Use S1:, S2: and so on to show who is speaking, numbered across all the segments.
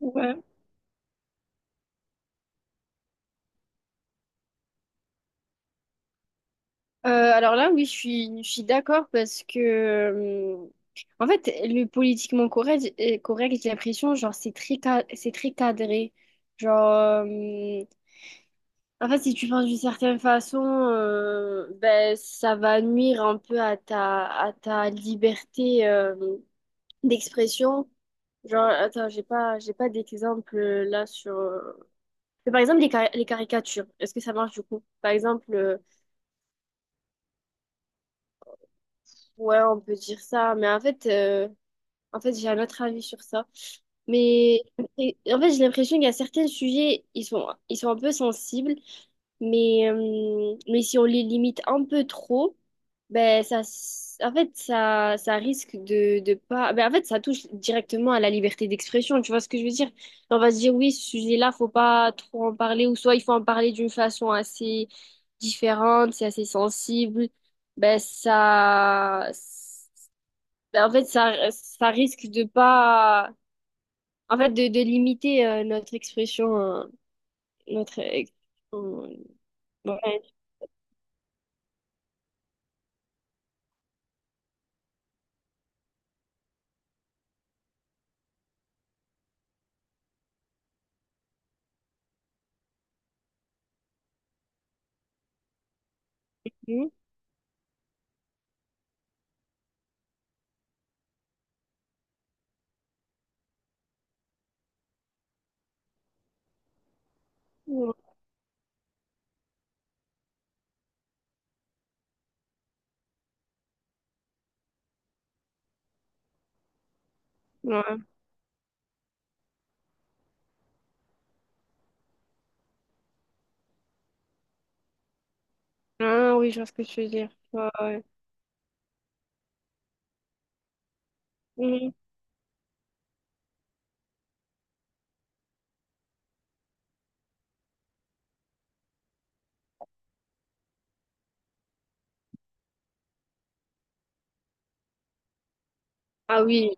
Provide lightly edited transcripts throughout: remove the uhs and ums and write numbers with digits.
S1: Ouais. Alors là, oui, je suis d'accord parce que, en fait, le politiquement correct, correct, j'ai l'impression, genre, c'est très cadré. Genre, euh, En fait, si tu penses d'une certaine façon, ben, ça va nuire un peu à à ta liberté, d'expression. Genre, attends, j'ai pas d'exemple là sur. Mais par exemple, les caricatures, est-ce que ça marche du coup? Par exemple, ouais, on peut dire ça, mais en fait, j'ai un autre avis sur ça. Mais en fait, j'ai l'impression qu'il y a certains sujets, ils sont un peu sensibles, mais si on les limite un peu trop, en fait, ça risque de pas. Ben en fait, ça touche directement à la liberté d'expression. Tu vois ce que je veux dire? On va se dire oui, ce sujet-là, faut pas trop en parler, ou soit il faut en parler d'une façon assez différente, c'est assez sensible ben ça ben, en fait, ça risque de pas, en fait, de limiter notre expression, notre ex- euh, ouais. Mhm. Ouais. Ah oui, je vois ce que tu veux dire. Ouais, ouais. Mhm. Ah oui.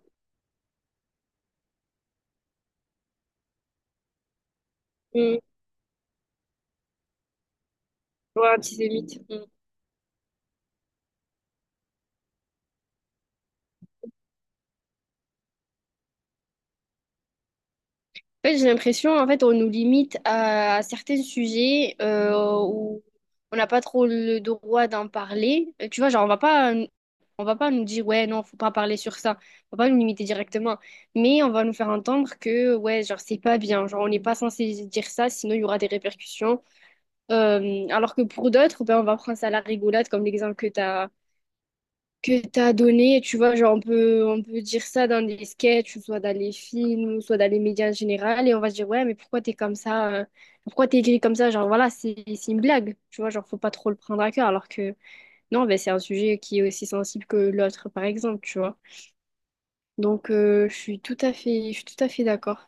S1: Mhm. Ouais, antisémite. En fait, j'ai l'impression, en fait, on nous limite à certains sujets où on n'a pas trop le droit d'en parler. Tu vois, genre, on va pas nous dire, ouais, non, faut pas parler sur ça. On va pas nous limiter directement. Mais on va nous faire entendre que, ouais, genre, c'est pas bien. Genre, on n'est pas censé dire ça, sinon il y aura des répercussions. Alors que pour d'autres, ben, on va prendre ça à la rigolade, comme l'exemple que t'as donné, tu vois, genre on peut dire ça dans des sketchs, ou soit dans les films, ou soit dans les médias en général, et on va se dire, ouais, mais pourquoi t'es comme ça, pourquoi t'es écrit comme ça, genre voilà, c'est une blague, tu vois, genre faut pas trop le prendre à cœur, alors que non, ben, c'est un sujet qui est aussi sensible que l'autre, par exemple, tu vois. Donc je suis tout à fait d'accord.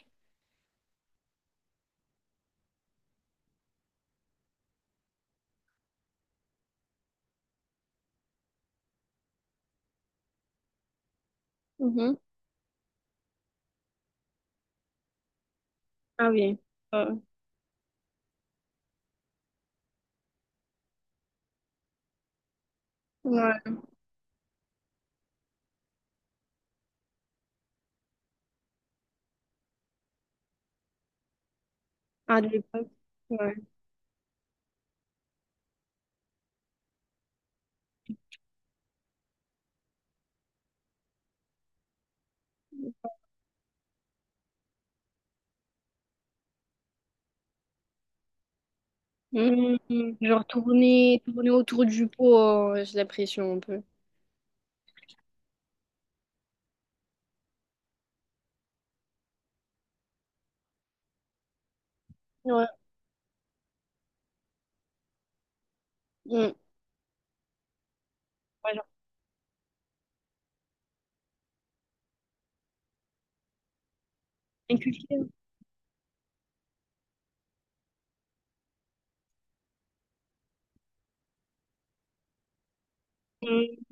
S1: Mhm. Ah oui. Euh, ouais. Ah, de l'époque. Ouais. Mhm. Genre tourner autour du pot, j'ai l'impression un peu. Ouais. Mm. Ouais. Inculquer. Mm.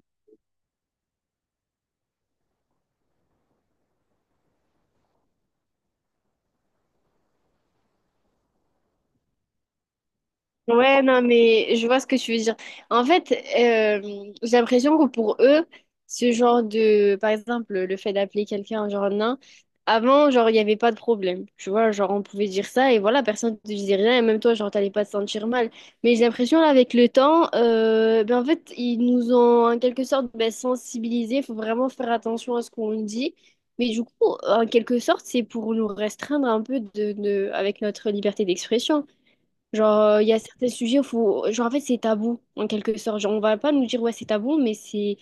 S1: Ouais, non, mais je vois ce que tu veux dire. En fait, j'ai l'impression que pour eux, ce genre de, par exemple, le fait d'appeler quelqu'un genre nain, avant, genre, il n'y avait pas de problème. Tu vois, genre, on pouvait dire ça et voilà, personne ne te disait rien et même toi, genre, t'allais pas te sentir mal. Mais j'ai l'impression, là, avec le temps, ben, en fait, ils nous ont en quelque sorte ben, sensibilisés. Il faut vraiment faire attention à ce qu'on dit. Mais du coup, en quelque sorte, c'est pour nous restreindre un peu avec notre liberté d'expression. Genre, il y a certains sujets où faut... Genre, en fait, c'est tabou, en quelque sorte. Genre, on va pas nous dire, ouais, c'est tabou, mais c'est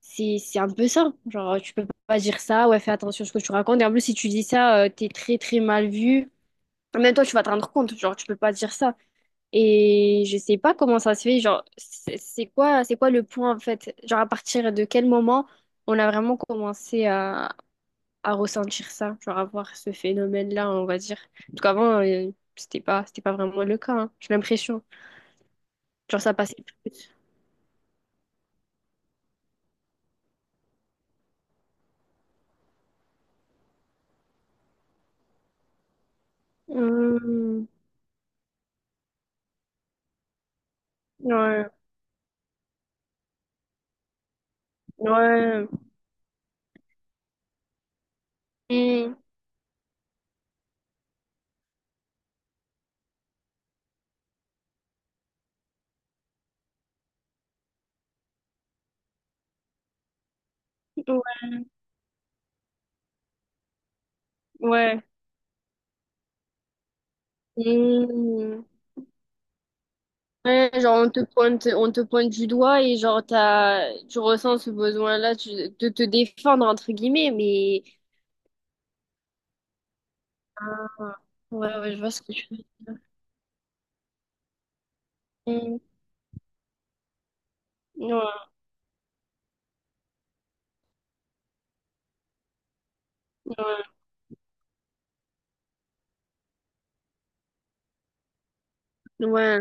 S1: c'est c'est un peu ça. Genre, tu peux pas dire ça, ouais, fais attention à ce que tu racontes. Et en plus, si tu dis ça, t'es très, très mal vu. Même toi, tu vas te rendre compte, genre, tu peux pas dire ça. Et je sais pas comment ça se fait, genre, c'est quoi le point, en fait? Genre, à partir de quel moment on a vraiment commencé à ressentir ça, genre, à voir ce phénomène-là, on va dire. En tout cas, avant, c'était pas vraiment le cas, hein, j'ai l'impression. Genre, ça passait plus. Hmm. Ouais, ouais. Hmm. Ouais, ouais. Hmm. Ouais, genre on te pointe du doigt et genre tu ressens ce besoin-là de te défendre entre guillemets, mais Ah. Ouais, ouais, je vois ce que tu veux. Ouais, ouais, ouais,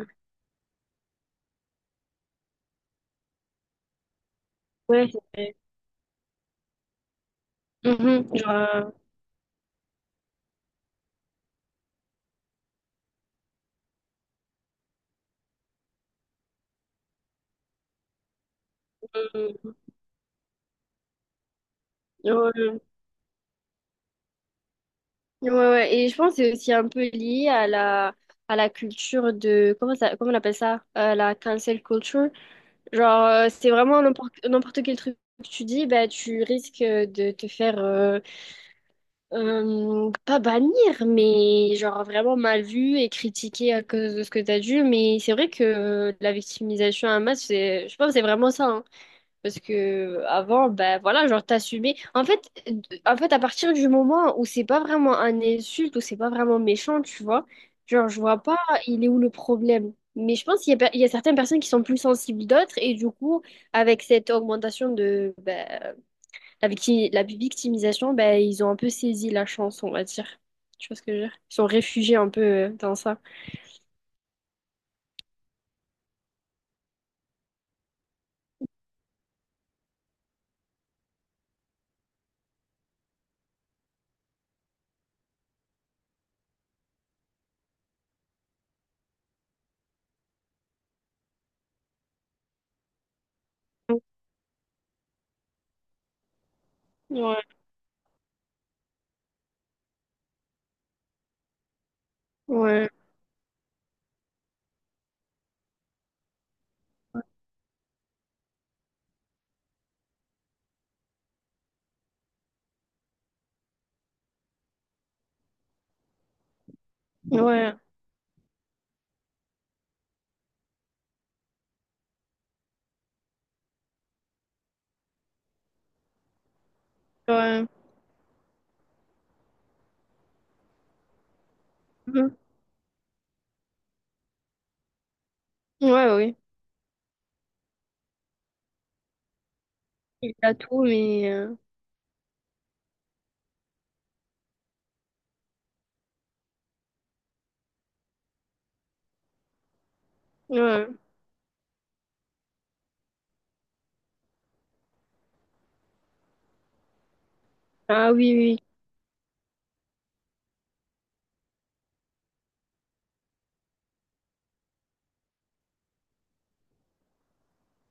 S1: ouais, c'est vrai. Mhm. Euh, hmm. Ouais, ouais, ouais. Ouais. Et je pense que c'est aussi un peu lié à la culture de, comment ça, comment on appelle ça? La cancel culture. Genre, c'est vraiment n'importe quel truc que tu dis, bah, tu risques de te faire, pas bannir, mais genre vraiment mal vu et critiqué à cause de ce que tu as dit. Mais c'est vrai que la victimisation à masse, c'est, je pense que c'est vraiment ça, hein. Parce que avant, ben voilà, genre t'assumais. En fait, à partir du moment où c'est pas vraiment un insulte, où c'est pas vraiment méchant, tu vois, genre je vois pas il est où le problème. Mais je pense qu'il y a, il y a certaines personnes qui sont plus sensibles d'autres, et du coup, avec cette augmentation de ben, la victimisation, ben ils ont un peu saisi la chance, on va dire. Tu vois ce que je veux dire? Ils sont réfugiés un peu dans ça. Ouais, ouais, ouais, ouais. Mhm. Ouais, oui. Il a tout, mais... ouais. Ah oui, oui.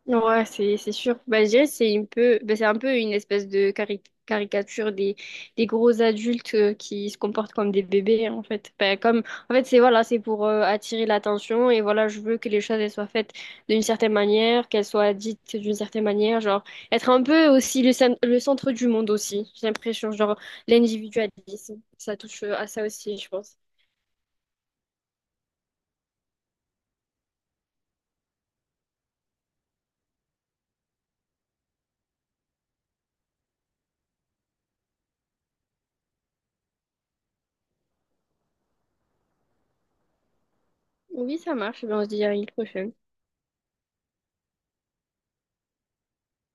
S1: Oui. Ouais, c'est sûr. Bah, je dirais que c'est un peu, bah, c'est un peu une espèce de caricature des gros adultes qui se comportent comme des bébés, hein, en fait. Bah, comme, en fait, c'est voilà, c'est pour attirer l'attention et voilà, je veux que les choses elles soient faites d'une certaine manière, qu'elles soient dites d'une certaine manière, genre être un peu aussi le, le centre du monde aussi. J'ai l'impression, genre l'individualisme, ça touche à ça aussi, je pense. Oui, ça marche. Ben, on se dit à une prochaine.